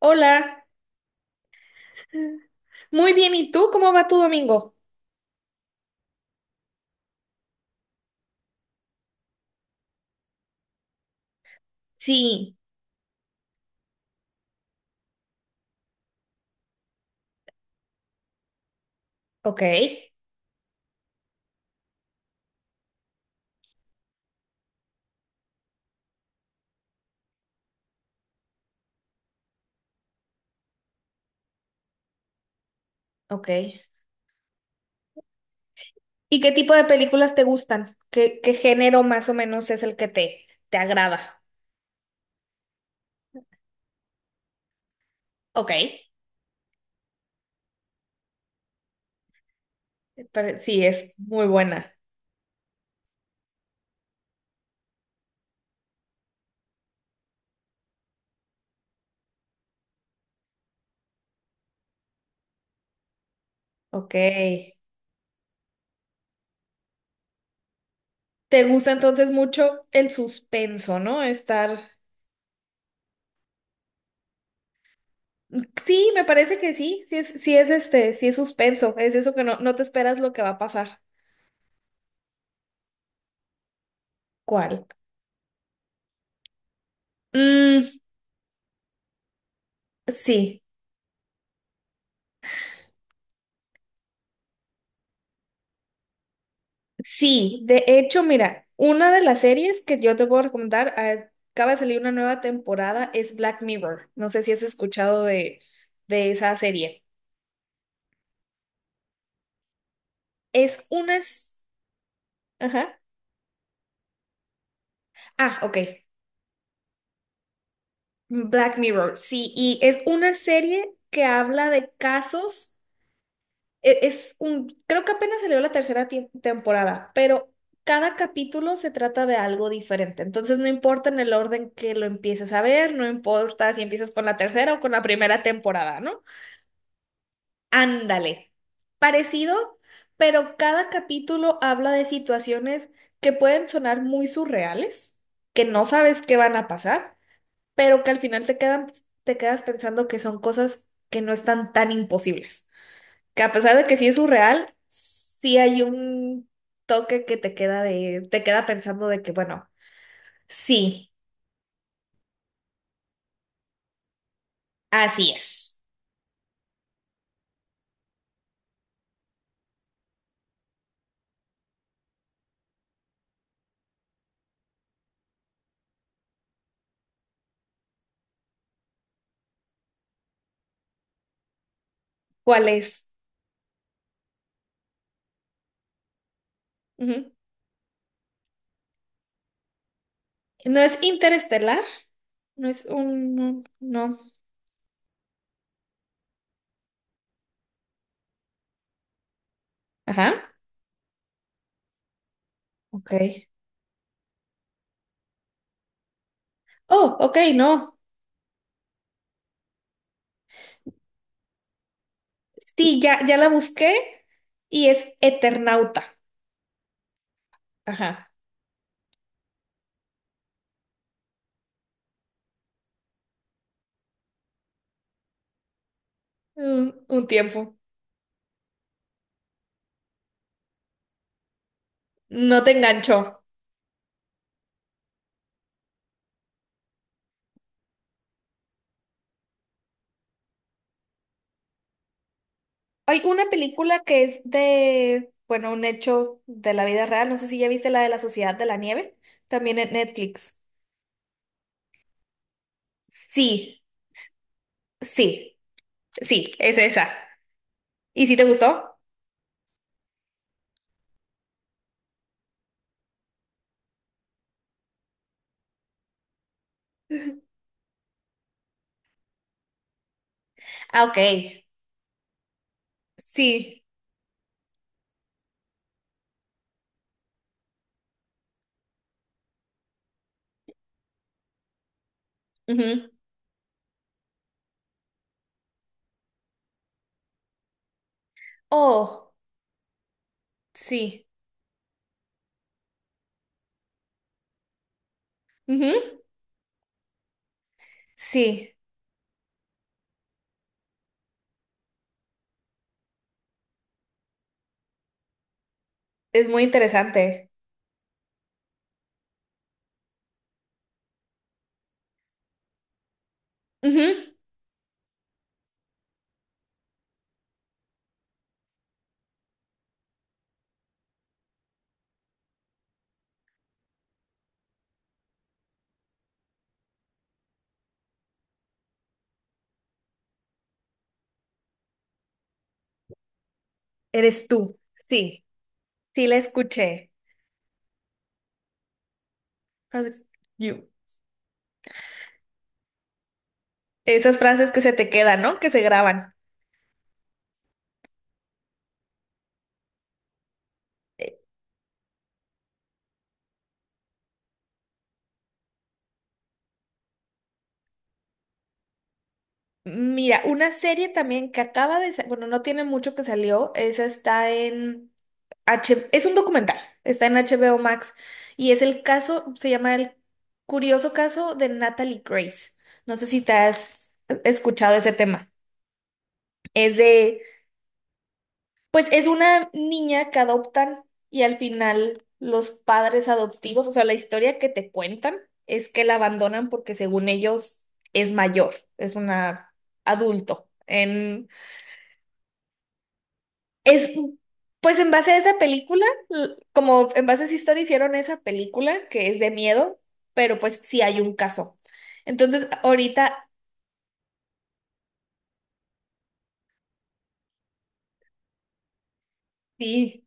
Hola, muy bien, ¿y tú? ¿Cómo va tu domingo? Sí, ok, ok. ¿Y qué tipo de películas te gustan? ¿Qué género más o menos es el que te agrada? Ok, pero sí, es muy buena. Ok. ¿Te gusta entonces mucho el suspenso, no? Estar... Sí, me parece que sí, sí es este, sí es suspenso, es eso que no te esperas lo que va a pasar. ¿Cuál? Mm, sí. Sí, de hecho, mira, una de las series que yo te puedo recomendar, acaba de salir una nueva temporada, es Black Mirror. No sé si has escuchado de esa serie. Es una. Ajá. Ah, ok. Black Mirror, sí, y es una serie que habla de casos. Es un, creo que apenas salió la tercera temporada, pero cada capítulo se trata de algo diferente. Entonces no importa en el orden que lo empieces a ver, no importa si empiezas con la tercera o con la primera temporada, ¿no? Ándale. Parecido, pero cada capítulo habla de situaciones que pueden sonar muy surreales, que no sabes qué van a pasar, pero que al final te quedan, te quedas pensando que son cosas que no están tan imposibles que a pesar de que sí es surreal, sí hay un toque que te queda de, te queda pensando de que, bueno, sí, así es. ¿Cuál es? Ujú. No es interestelar, no es un, no, no. Ajá, ok. Oh, ok, no. Sí, ya, ya la busqué y es Eternauta. Ajá. Un tiempo. No te enganchó. Hay una película que es de, bueno, un hecho de la vida real. No sé si ya viste la de la Sociedad de la Nieve, también en Netflix. Sí, sí, sí, es esa. ¿Y si te gustó? Ah, ok. Sí. Ujú. Oh, sí. Ujú. Sí, es muy interesante. Ujú. Eres tú. Sí, sí la escuché. You. Esas frases que se te quedan, ¿no? Que se graban. Mira, una serie también que acaba de, bueno, no tiene mucho que salió, esa está en es un documental, está en HBO Max y es el caso, se llama El curioso caso de Natalie Grace. No sé si te has escuchado ese tema. Es de, pues es una niña que adoptan y al final los padres adoptivos, o sea, la historia que te cuentan es que la abandonan porque según ellos es mayor, es una adulto. Es, pues en base a esa película, como en base a esa historia hicieron esa película que es de miedo, pero pues sí hay un caso. Entonces, ahorita sí,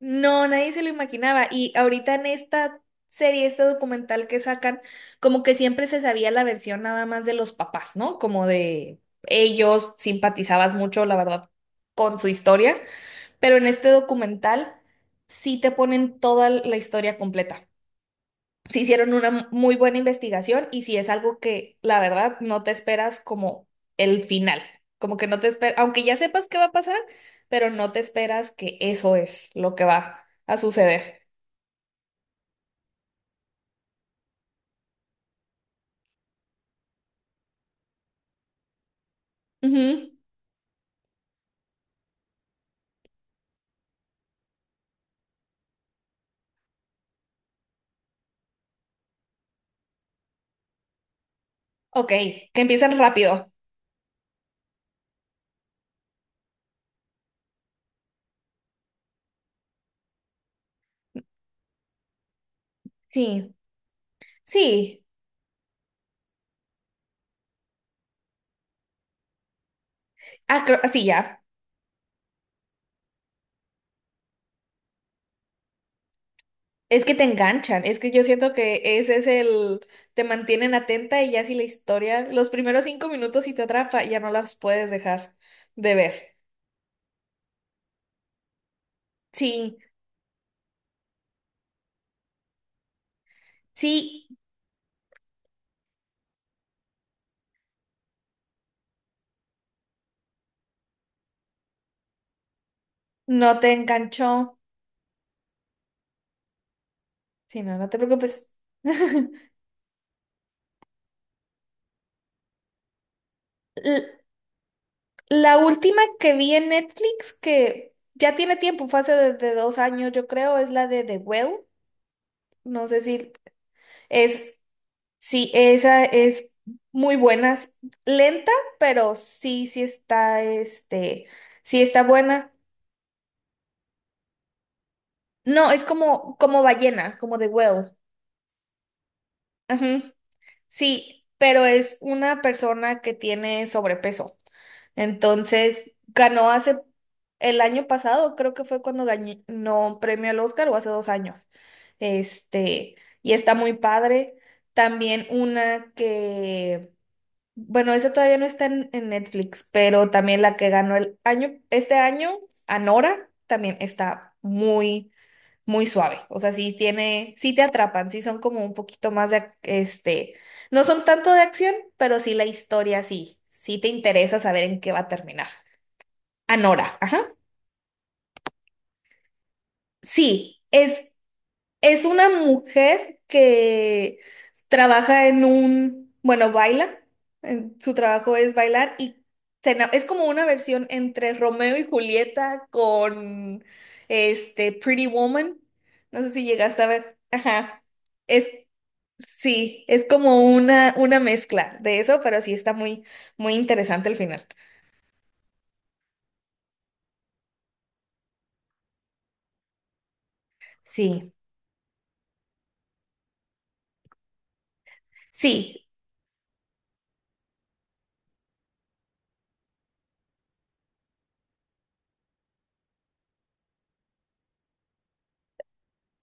no, nadie se lo imaginaba. Y ahorita en esta serie, este documental que sacan, como que siempre se sabía la versión nada más de los papás, ¿no? Como de ellos simpatizabas mucho, la verdad, con su historia, pero en este documental sí te ponen toda la historia completa. Sí hicieron una muy buena investigación y si es algo que la verdad no te esperas como el final, como que no te esperas, aunque ya sepas qué va a pasar, pero no te esperas que eso es lo que va a suceder. Ujú. Ok, que empiezan rápido. Sí, sí, ah, ah, sí, ya. Es que te enganchan, es que yo siento que ese es el, te mantienen atenta y ya si la historia, los primeros 5 minutos si te atrapa, ya no las puedes dejar de ver. Sí, sí. No te enganchó. Sí, no, no te preocupes. L- La última que vi en Netflix, que ya tiene tiempo, fue hace de 2 años, yo creo, es la de The Well. No sé si es, sí, esa es muy buena, es lenta, pero sí, sí está, este, sí está buena. No, es como, como ballena, como The Well. Sí, pero es una persona que tiene sobrepeso. Entonces, ganó hace el año pasado, creo que fue cuando ganó premio al Oscar o hace 2 años. Este, y está muy padre. También una que, bueno, esa todavía no está en Netflix, pero también la que ganó el año, este año, Anora, también está muy, muy suave. O sea, sí tiene, sí te atrapan, sí son como un poquito más de, este, no son tanto de acción, pero sí la historia, sí, sí te interesa saber en qué va a terminar. Anora, ajá. Sí, es una mujer que trabaja en un, bueno, baila, su trabajo es bailar y es como una versión entre Romeo y Julieta con este Pretty Woman. No sé si llegaste a ver. Ajá. Es. Sí, es como una mezcla de eso, pero sí está muy, muy interesante el final. Sí, sí.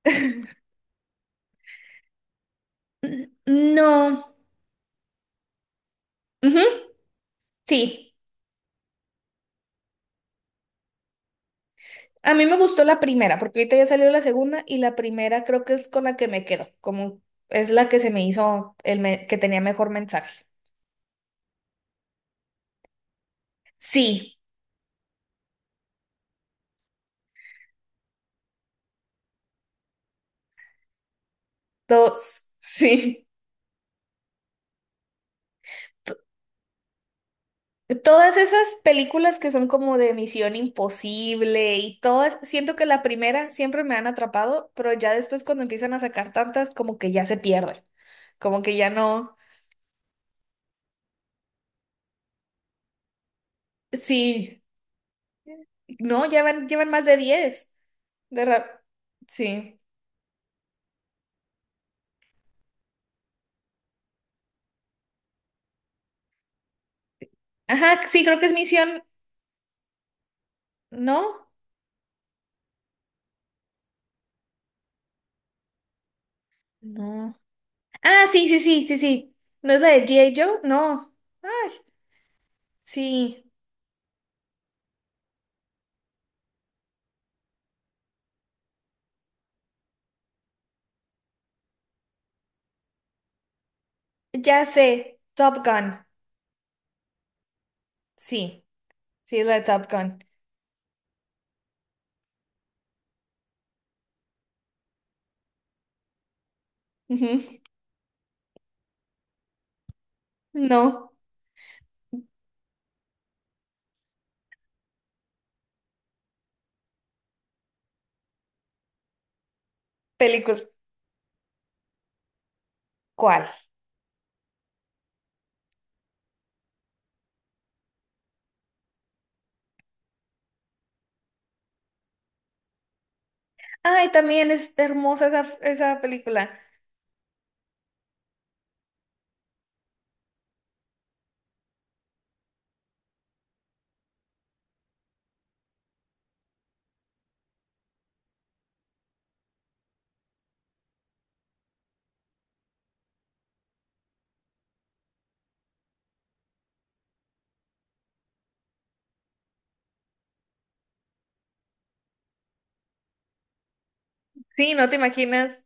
No. Ujú, sí. A mí me gustó la primera, porque ahorita ya salió la segunda y la primera creo que es con la que me quedo, como es la que se me hizo el que tenía mejor mensaje. Sí, dos, sí. Todas esas películas que son como de Misión Imposible y todas, siento que la primera siempre me han atrapado, pero ya después cuando empiezan a sacar tantas, como que ya se pierden, como que ya no, sí, no, llevan más de 10 de ra- sí, ajá, sí, creo que es Misión, ¿no? No. Ah, sí, sí, sí, sí, sí, ¿no es la de G.I. Joe? No, ay, sí, ya sé, Top Gun, sí, sí, es la de Top Gun. Ujú. No. Película. ¿Cuál? Ay, también es hermosa esa película. Sí, no te imaginas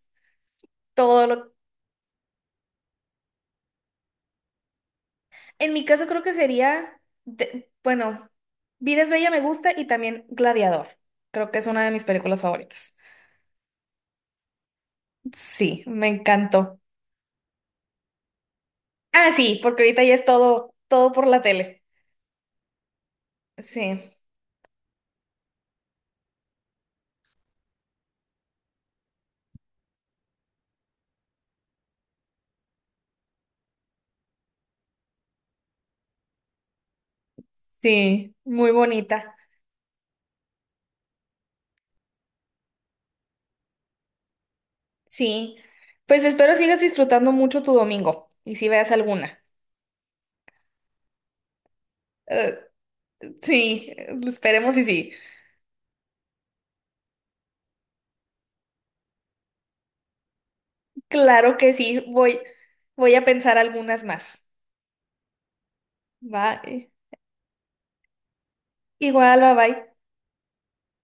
todo lo. En mi caso creo que sería, bueno, Vida es Bella me gusta y también Gladiador. Creo que es una de mis películas favoritas. Sí, me encantó. Ah, sí, porque ahorita ya es todo, todo por la tele. Sí, sí, muy bonita. Sí, pues espero sigas disfrutando mucho tu domingo y si veas alguna. Eh, sí, esperemos y sí. Claro que sí, voy a pensar algunas más. Bye. Igual, bye bye.